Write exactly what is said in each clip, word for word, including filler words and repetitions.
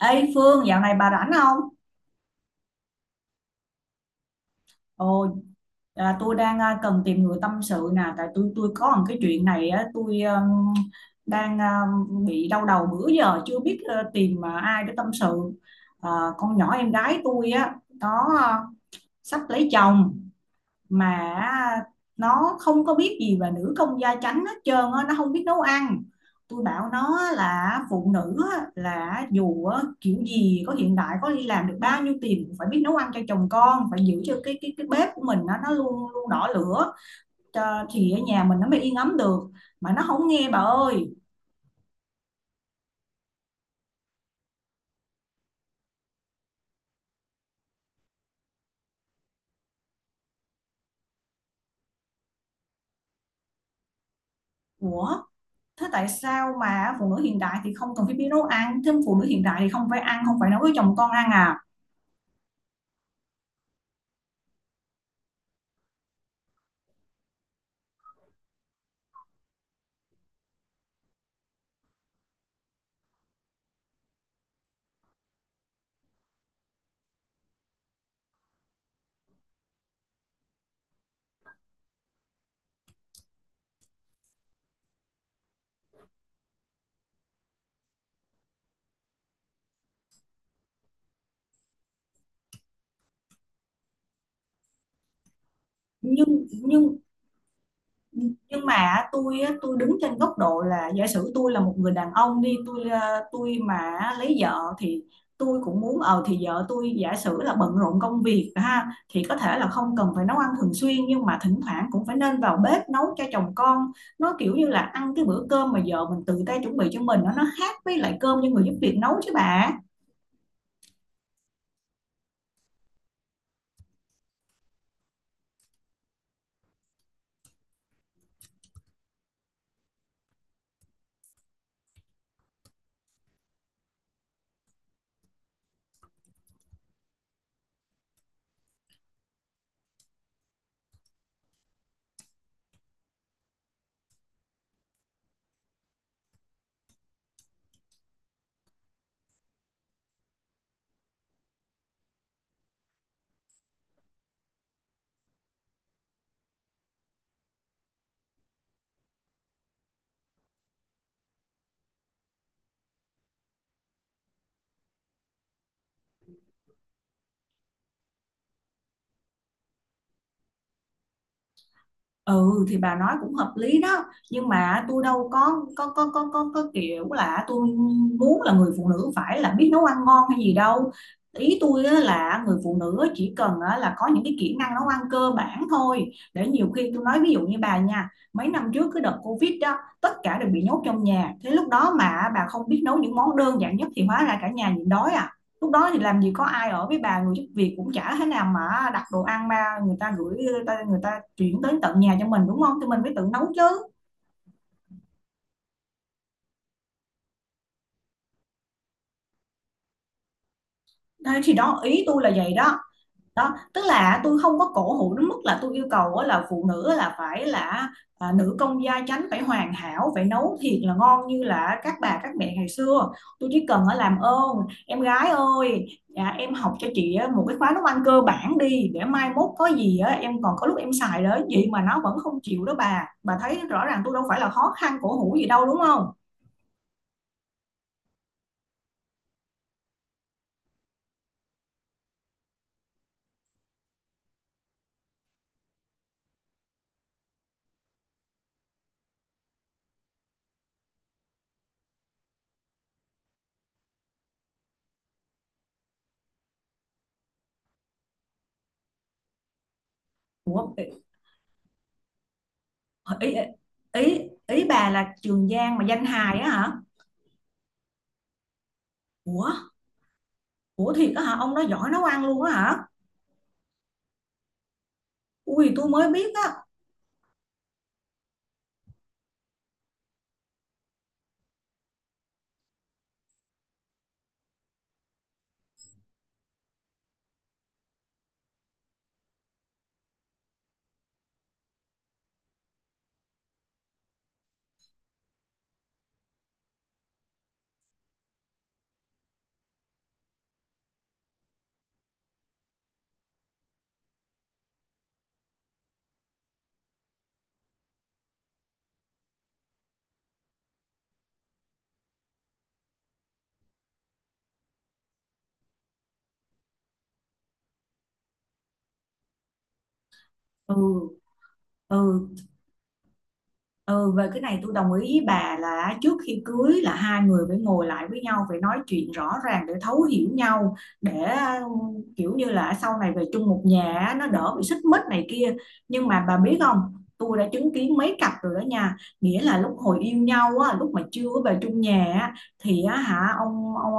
Ê Phương, dạo này bà rảnh không? Ồ. À, tôi đang à, cần tìm người tâm sự nè, tại tôi tôi có một cái chuyện này á. Tôi um, đang à, bị đau đầu bữa giờ chưa biết ờ, tìm à, ai để tâm sự. À, con nhỏ em gái tôi á, nó à, sắp lấy chồng mà nó không có biết gì về nữ công gia chánh hết trơn á, nó không biết nấu ăn. Tôi bảo nó là phụ nữ là dù kiểu gì có hiện đại, có đi làm được bao nhiêu tiền cũng phải biết nấu ăn cho chồng con, phải giữ cho cái cái cái bếp của mình nó nó luôn luôn đỏ lửa, cho, thì ở nhà mình nó mới yên ấm được, mà nó không nghe bà ơi. Ủa, thế tại sao mà phụ nữ hiện đại thì không cần phải biết nấu ăn, thêm phụ nữ hiện đại thì không phải ăn, không phải nấu với chồng con ăn à? Nhưng nhưng nhưng mà tôi á, tôi đứng trên góc độ là giả sử tôi là một người đàn ông đi, tôi ờ, tôi mà lấy vợ thì tôi cũng muốn. Ờ thì vợ tôi giả sử là bận rộn công việc ha, thì có thể là không cần phải nấu ăn thường xuyên, nhưng mà thỉnh thoảng cũng phải nên vào bếp nấu cho chồng con. Nó kiểu như là ăn cái bữa cơm mà vợ mình tự tay chuẩn bị cho mình nó nó khác với lại cơm do người giúp việc nấu chứ bà. Ừ thì bà nói cũng hợp lý đó, nhưng mà tôi đâu có có có có có, có kiểu là tôi muốn là người phụ nữ phải là biết nấu ăn ngon hay gì đâu. Ý tôi á là người phụ nữ chỉ cần á là có những cái kỹ năng nấu ăn cơ bản thôi, để nhiều khi tôi nói ví dụ như bà nha, mấy năm trước cái đợt Covid đó tất cả đều bị nhốt trong nhà, thế lúc đó mà bà không biết nấu những món đơn giản nhất thì hóa ra cả nhà nhịn đói à. Lúc đó thì làm gì có ai ở với bà, người giúp việc cũng chả thế nào mà đặt đồ ăn ra, người ta gửi người ta, người ta chuyển tới tận nhà cho mình đúng không, thì mình phải tự nấu chứ. Đấy, thì đó ý tôi là vậy đó. Đó tức là tôi không có cổ hủ đến mức là tôi yêu cầu á là phụ nữ là phải là à, nữ công gia chánh phải hoàn hảo, phải nấu thiệt là ngon như là các bà các mẹ ngày xưa. Tôi chỉ cần ở làm ơn, em gái ơi, dạ, em học cho chị á một cái khóa nấu ăn cơ bản đi, để mai mốt có gì á em còn có lúc em xài đó, vậy mà nó vẫn không chịu đó bà bà thấy rõ ràng tôi đâu phải là khó khăn cổ hủ gì đâu, đúng không? Ủa, ý, ý, ý ý bà là Trường Giang mà danh hài á hả? Ủa. Ủa thiệt á hả? Ông đó giỏi nấu ăn luôn á hả? Ui tôi mới biết á. Ừ. Ừ. Ừ, về cái này tôi đồng ý với bà là trước khi cưới là hai người phải ngồi lại với nhau, phải nói chuyện rõ ràng để thấu hiểu nhau, để ừ, kiểu như là sau này về chung một nhà á, nó đỡ bị xích mích này kia. Nhưng mà bà biết không, tôi đã chứng kiến mấy cặp rồi đó nha, nghĩa là lúc hồi yêu nhau á, lúc mà chưa có về chung nhà á, thì á, hả ông ông,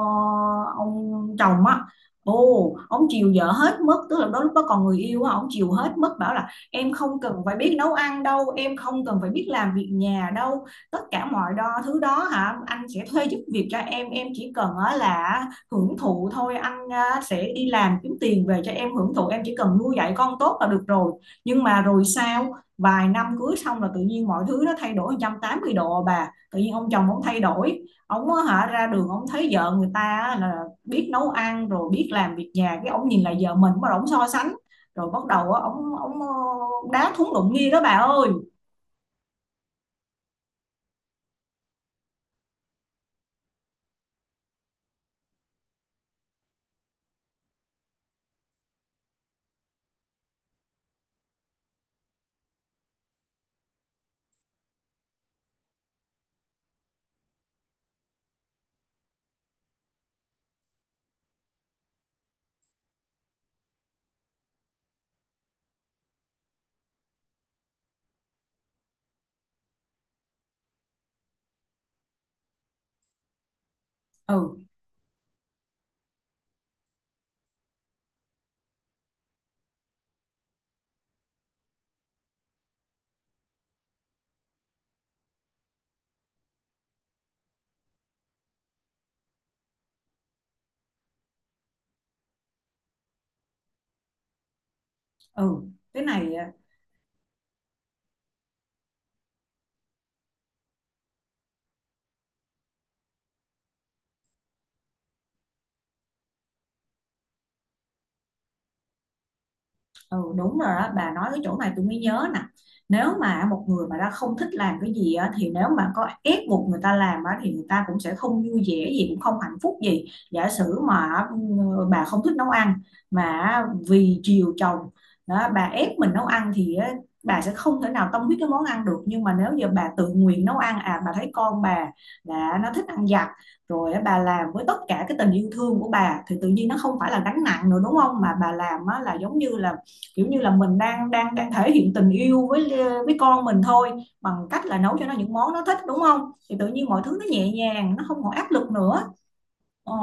ông chồng á ô ông chiều vợ hết mất, tức là đó lúc đó còn người yêu á, ông chiều hết mất, bảo em không cần phải biết nấu ăn đâu, em không cần phải biết làm việc nhà đâu, tất cả mọi đo thứ đó hả, anh sẽ thuê giúp việc cho em em chỉ cần á là hưởng thụ thôi, anh sẽ đi làm kiếm tiền về cho em hưởng thụ, em chỉ cần nuôi dạy con tốt là được rồi. Nhưng mà rồi sao, vài năm cưới xong là tự nhiên mọi thứ nó thay đổi một trăm tám mươi độ à bà, tự nhiên ông chồng ông thay đổi, ông hả ra đường ông thấy vợ người ta là biết nấu ăn rồi biết làm việc nhà, cái ông nhìn lại vợ mình bắt đầu ông so sánh, rồi bắt đầu á ổng ổng ờ, đá thúng đụng nghi đó bà ơi. Ừ. Ừ. Cái này. Ừ đúng rồi đó, bà nói cái chỗ này tôi mới nhớ nè, nếu mà một người mà đã không thích làm cái gì á, thì nếu mà có ép buộc người ta làm á, thì người ta cũng sẽ không vui vẻ gì, cũng không hạnh phúc gì. Giả sử mà ừ, bà không thích nấu ăn mà vì chiều chồng đó, bà ép mình nấu ăn thì á, bà sẽ không thể nào tâm huyết cái món ăn được. Nhưng mà nếu giờ bà tự nguyện nấu ăn, à bà thấy con bà là nó thích ăn giặt rồi á, bà làm với tất cả cái tình yêu thương của bà thì tự nhiên nó không phải là gánh nặng nữa đúng không, mà bà làm á, là giống như là kiểu như là mình đang đang đang thể hiện tình yêu với với con mình thôi, bằng cách là nấu cho nó những món nó thích đúng không, thì tự nhiên mọi thứ nó nhẹ nhàng, nó không còn áp lực nữa. Ồ.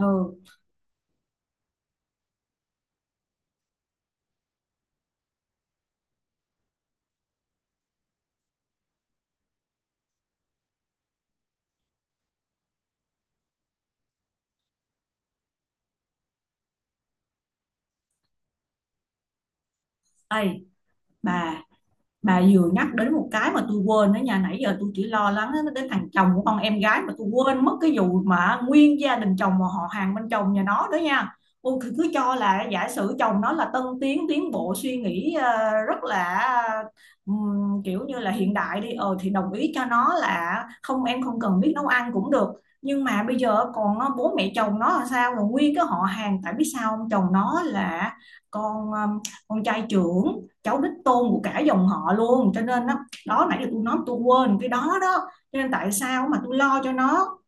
ừ ê bà bà vừa nhắc đến một cái mà tôi quên đó nha, nãy giờ tôi chỉ lo lắng đến thằng chồng của con em gái mà tôi quên mất cái vụ mà nguyên gia đình chồng và họ hàng bên chồng nhà nó đó nha. Ôi, cứ, cứ cho là giả sử chồng nó là tân tiến tiến bộ suy nghĩ ờ, rất là ừm, kiểu như là hiện đại đi. Ờ thì đồng ý cho nó là không, em không cần biết nấu ăn cũng được, nhưng mà bây giờ còn ờ, bố mẹ chồng nó là sao, rồi nguyên cái họ hàng, tại biết sao không, chồng nó là con ờ, con trai trưởng, cháu đích tôn của cả dòng họ luôn, cho nên đó, đó nãy giờ tôi nói tôi quên cái đó đó, cho nên tại sao mà tôi lo cho nó.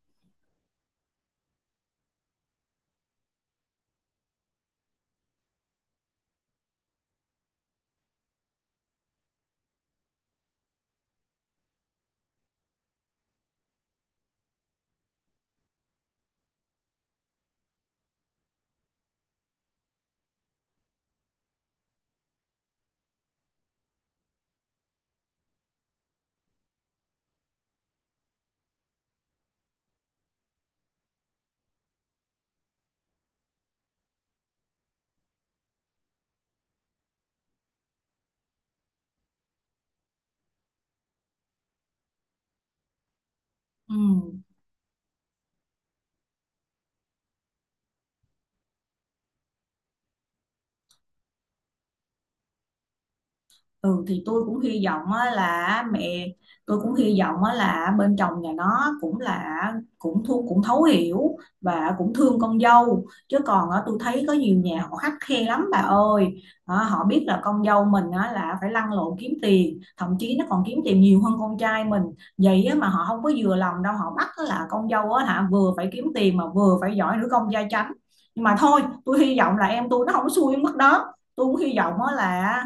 Ừ. Ừ thì tôi cũng hy vọng á, là mẹ tôi cũng hy vọng á, là bên chồng nhà nó cũng là cũng thu cũng thấu hiểu và cũng thương con dâu, chứ còn á, tôi thấy có nhiều nhà họ khắt khe lắm bà ơi. Ờ, họ biết là con dâu mình á, là phải lăn lộn kiếm tiền, thậm chí nó còn kiếm tiền nhiều hơn con trai mình vậy á, mà họ không có vừa lòng đâu, họ bắt á, là con dâu á, hả vừa phải kiếm tiền mà vừa phải giỏi nữ công gia chánh. Nhưng mà thôi tôi hy vọng là em tôi nó không có xui mất đó, tôi cũng hy vọng á, là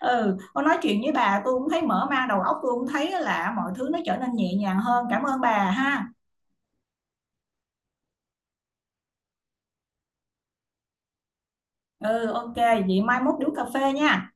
ừ con nói chuyện với bà tôi cũng thấy mở mang đầu óc, tôi cũng thấy là mọi thứ nó trở nên nhẹ nhàng hơn, cảm ơn bà ha. Ừ ok vậy mai mốt đi uống cà phê nha.